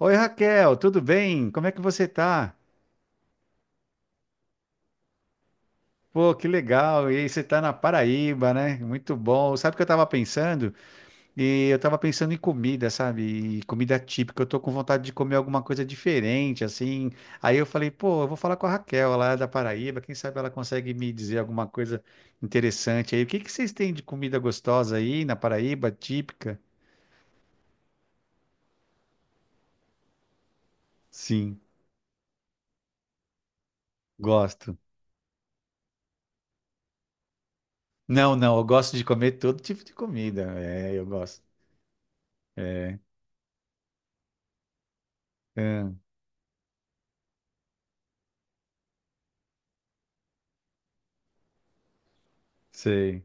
Oi Raquel, tudo bem? Como é que você tá? Pô, que legal! E aí você tá na Paraíba, né? Muito bom. Sabe o que eu tava pensando? E eu tava pensando em comida, sabe? E comida típica. Eu tô com vontade de comer alguma coisa diferente, assim. Aí eu falei, pô, eu vou falar com a Raquel lá da Paraíba. Quem sabe ela consegue me dizer alguma coisa interessante aí. O que que vocês têm de comida gostosa aí na Paraíba, típica? Sim, gosto. Não, não, eu gosto de comer todo tipo de comida. É, eu gosto. É, ah, sei.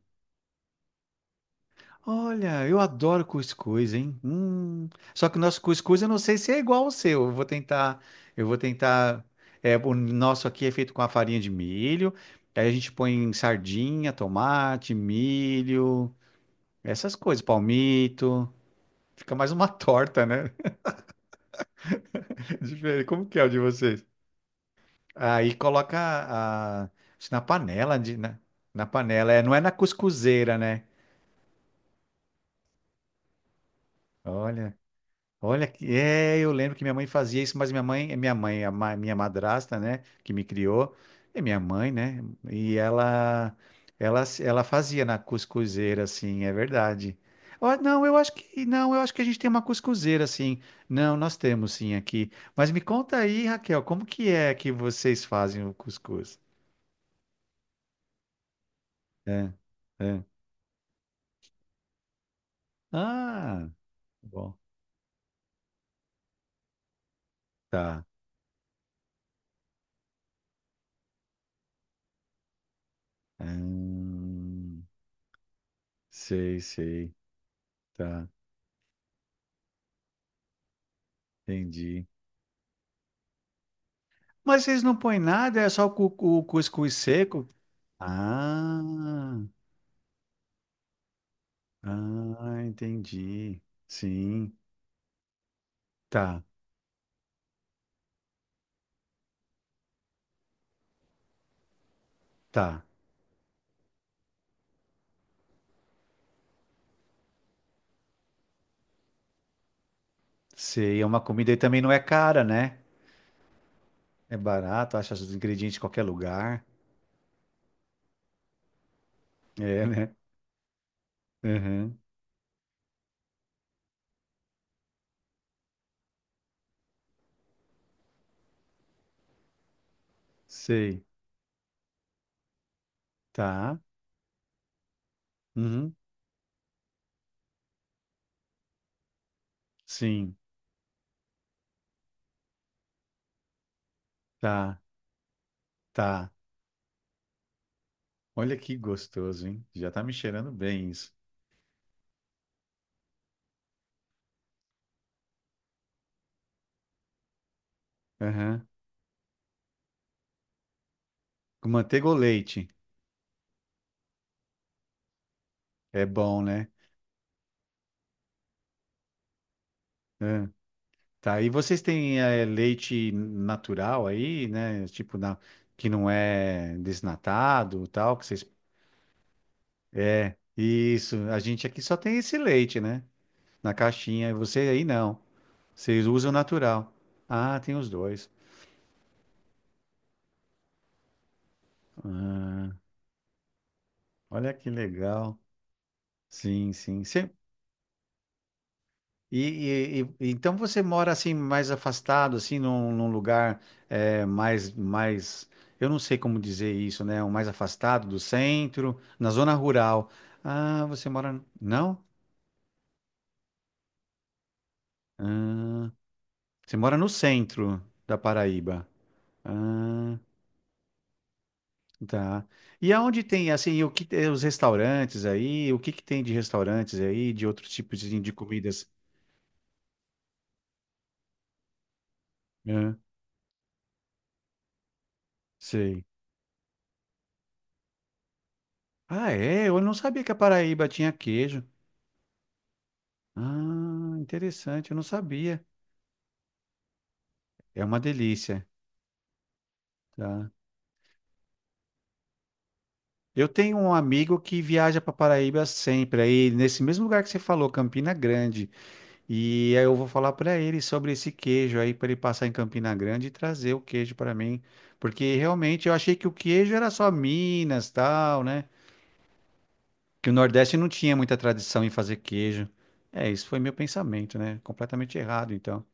Olha, eu adoro cuscuz, hein? Hum. Só que o nosso cuscuz eu não sei se é igual ao seu. Eu vou tentar, eu vou tentar. É, o nosso aqui é feito com a farinha de milho. Aí a gente põe sardinha, tomate, milho, essas coisas, palmito. Fica mais uma torta, né? Diferente. Como que é o de vocês? Aí coloca a, na panela, na panela. É, não é na cuscuzeira, né? Olha. Olha, eu lembro que minha mãe fazia isso, mas minha mãe, a ma- minha madrasta, né, que me criou, é minha mãe, né? E ela fazia na cuscuzeira, assim, é verdade. Ó, não, eu acho que não, eu acho que a gente tem uma cuscuzeira, assim. Não, nós temos sim aqui. Mas me conta aí, Raquel, como que é que vocês fazem o cuscuz? É, é. Ah, tá bom, tá. Hum, sei, sei, tá. Entendi. Mas vocês não põem nada, é só o cuscuz seco? Ah, ah, entendi. Sim, tá, tá. Sei, é uma comida e também não é cara, né? É barato, acha os ingredientes em qualquer lugar. É, né? Uhum, sei, tá. Uhum, sim, tá, tá. Olha que gostoso, hein? Já tá me cheirando bem isso. Uhum. Com manteiga ou leite? É bom, né? Tá, e vocês têm leite natural aí, né? Tipo, que não é desnatado, tal, que vocês... É isso, a gente aqui só tem esse leite, né? Na caixinha, e você aí não. Vocês usam natural. Ah, tem os dois. Olha que legal. Sim, sim. Então você mora assim mais afastado, assim num lugar mais, eu não sei como dizer isso, né? O mais afastado do centro, na zona rural. Ah, você mora não? Ah, você mora no centro da Paraíba. Ah, tá. E aonde tem assim os restaurantes aí? O que que tem de restaurantes aí? De outros tipos de comidas? Ah, sei. Ah, é? Eu não sabia que a Paraíba tinha queijo. Ah, interessante, eu não sabia. É uma delícia, tá? Eu tenho um amigo que viaja para Paraíba sempre, aí nesse mesmo lugar que você falou, Campina Grande. E aí eu vou falar para ele sobre esse queijo aí para ele passar em Campina Grande e trazer o queijo para mim, porque realmente eu achei que o queijo era só Minas, tal, né? Que o Nordeste não tinha muita tradição em fazer queijo. É, isso foi meu pensamento, né? Completamente errado, então.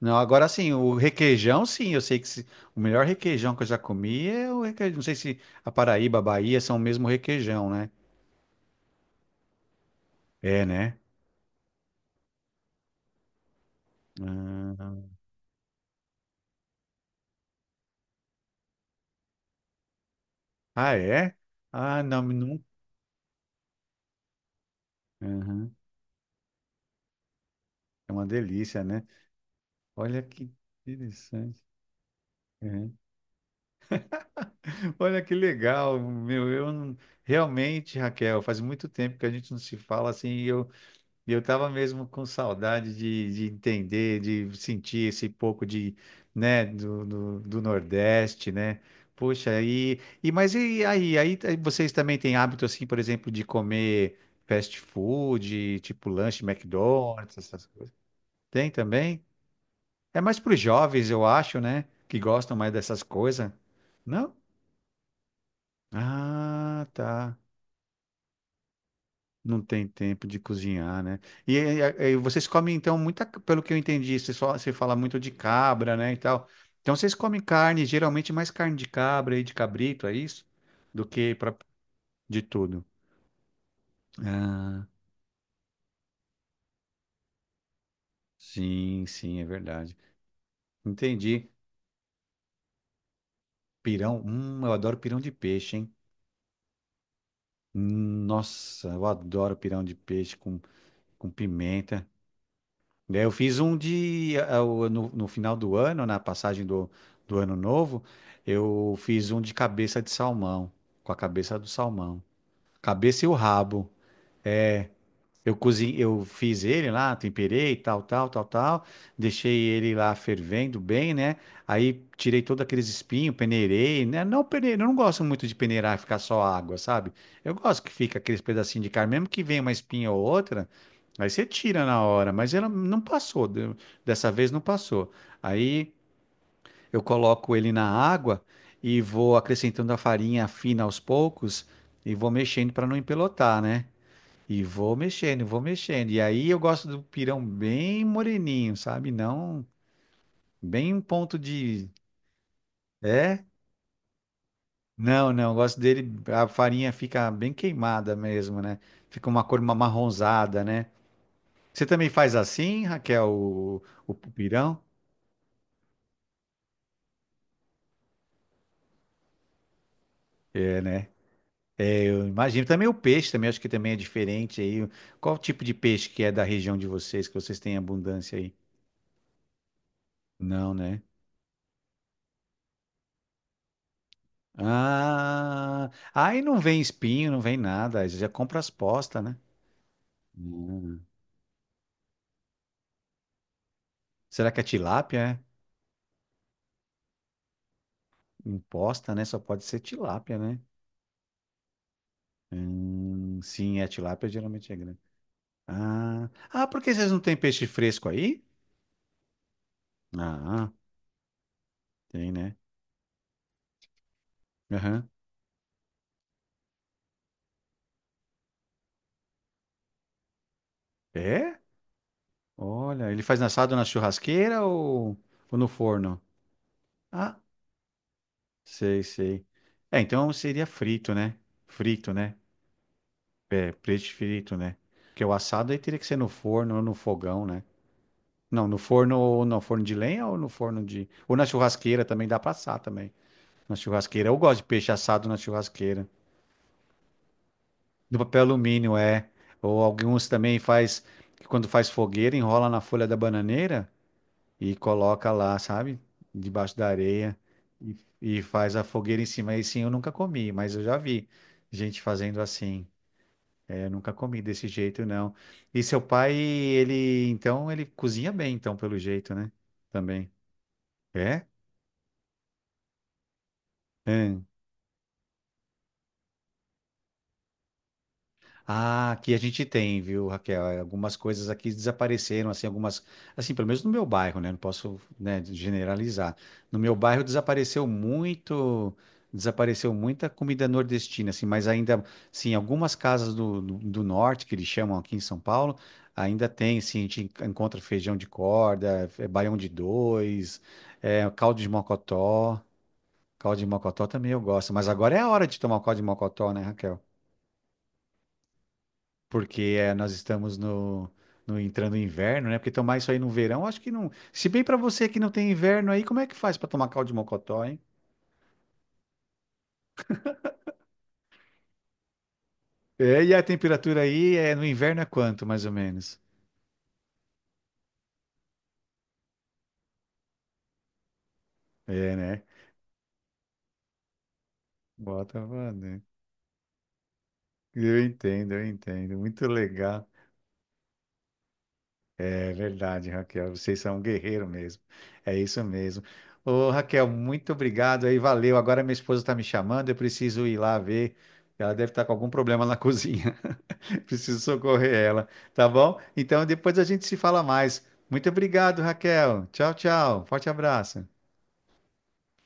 Não, agora sim, o requeijão, sim, eu sei que o melhor requeijão que eu já comi é o requeijão. Não sei se a Paraíba, a Bahia são o mesmo requeijão, né? É, né? Ah, ah, é? Ah, não, não. Uhum. É uma delícia, né? Olha que interessante. Uhum. Olha que legal, meu. Eu não- realmente, Raquel, faz muito tempo que a gente não se fala assim. Eu E eu estava mesmo com saudade de entender, de sentir esse pouco de, né, do Nordeste, né? Poxa, mas e aí, vocês também têm hábito assim, por exemplo, de comer fast food, tipo lanche McDonald's, essas coisas? Tem também? É mais para os jovens, eu acho, né? Que gostam mais dessas coisas. Não? Ah, tá. Não tem tempo de cozinhar, né? E vocês comem, então, muita, pelo que eu entendi, você fala muito de cabra, né, e tal. Então, vocês comem carne, geralmente mais carne de cabra e de cabrito, é isso? Do que de tudo. Ah, sim, sim, é verdade. Entendi. Pirão, eu adoro pirão de peixe, hein? Nossa, eu adoro pirão de peixe com pimenta. Daí Eu fiz um de. Ah, o- No, no final do ano, na passagem do ano novo, eu fiz um de cabeça de salmão, com a cabeça do salmão. Cabeça e o rabo. Eu cozinhei, eu fiz ele lá, temperei, tal, tal, tal, tal. Deixei ele lá fervendo bem, né? Aí tirei todos aqueles espinhos, peneirei, né? Não peneirei, eu não gosto muito de peneirar e ficar só água, sabe? Eu gosto que fica aqueles pedacinhos de carne, mesmo que venha uma espinha ou outra, aí você tira na hora, mas ela não passou, dessa vez não passou. Aí eu coloco ele na água e vou acrescentando a farinha fina aos poucos e vou mexendo para não empelotar, né? E vou mexendo, vou mexendo. E aí eu gosto do pirão bem moreninho, sabe? Não bem um ponto de. É? Não, não. Eu gosto dele. A farinha fica bem queimada mesmo, né? Fica uma cor marronzada, né? Você também faz assim, Raquel, o pirão? É, né? Eu imagino. Também o peixe, também acho que também é diferente aí. Qual o tipo de peixe que é da região de vocês, que vocês têm abundância aí? Não, né? Ah, aí não vem espinho, não vem nada. Aí você já compra as postas, né? Hum. Será que é tilápia? É? Imposta, né? Só pode ser tilápia, né? Sim, é tilápia, geralmente é grande. Ah, ah, por que vocês não têm peixe fresco aí? Ah, tem, né? Aham. É? Olha, ele faz assado na churrasqueira ou no forno? Ah, sei, sei. É, então seria frito, né? Frito, né? É, preto frito, né? Porque o assado aí teria que ser no forno ou no fogão, né? Não, no forno ou no forno de lenha. Ou no forno de. Ou na churrasqueira também dá pra assar também. Na churrasqueira. Eu gosto de peixe assado na churrasqueira. No papel alumínio, é. Ou alguns também faz. Que Quando faz fogueira, enrola na folha da bananeira e coloca lá, sabe? Debaixo da areia. E faz a fogueira em cima. Aí sim eu nunca comi, mas eu já vi gente fazendo assim. Eu nunca comi desse jeito, não. E seu pai, ele, então, ele cozinha bem, então, pelo jeito, né? Também. É? Hã? Ah, aqui a gente tem, viu, Raquel? É, algumas coisas aqui desapareceram, assim, algumas, assim, pelo menos no meu bairro, né? Não posso, né, generalizar. No meu bairro desapareceu muito, desapareceu muita comida nordestina, assim, mas ainda, sim, algumas casas do, norte, que eles chamam aqui em São Paulo, ainda tem, assim, a gente encontra feijão de corda, baião de dois, caldo de mocotó. Caldo de mocotó também eu gosto, mas agora é a hora de tomar o caldo de mocotó, né, Raquel? Porque nós estamos no entrando no inverno, né? Porque tomar isso aí no verão, acho que não. Se bem para você que não tem inverno aí, como é que faz para tomar caldo de mocotó, hein? É, e a temperatura aí é, no inverno é quanto, mais ou menos? É, né? Bota, mano. Eu entendo, eu entendo. Muito legal. É verdade, Raquel. Vocês são um guerreiro mesmo. É isso mesmo. Ô, Raquel, muito obrigado aí. Valeu. Agora minha esposa está me chamando. Eu preciso ir lá ver. Ela deve estar com algum problema na cozinha. Preciso socorrer ela, tá bom? Então depois a gente se fala mais. Muito obrigado, Raquel. Tchau, tchau. Forte abraço.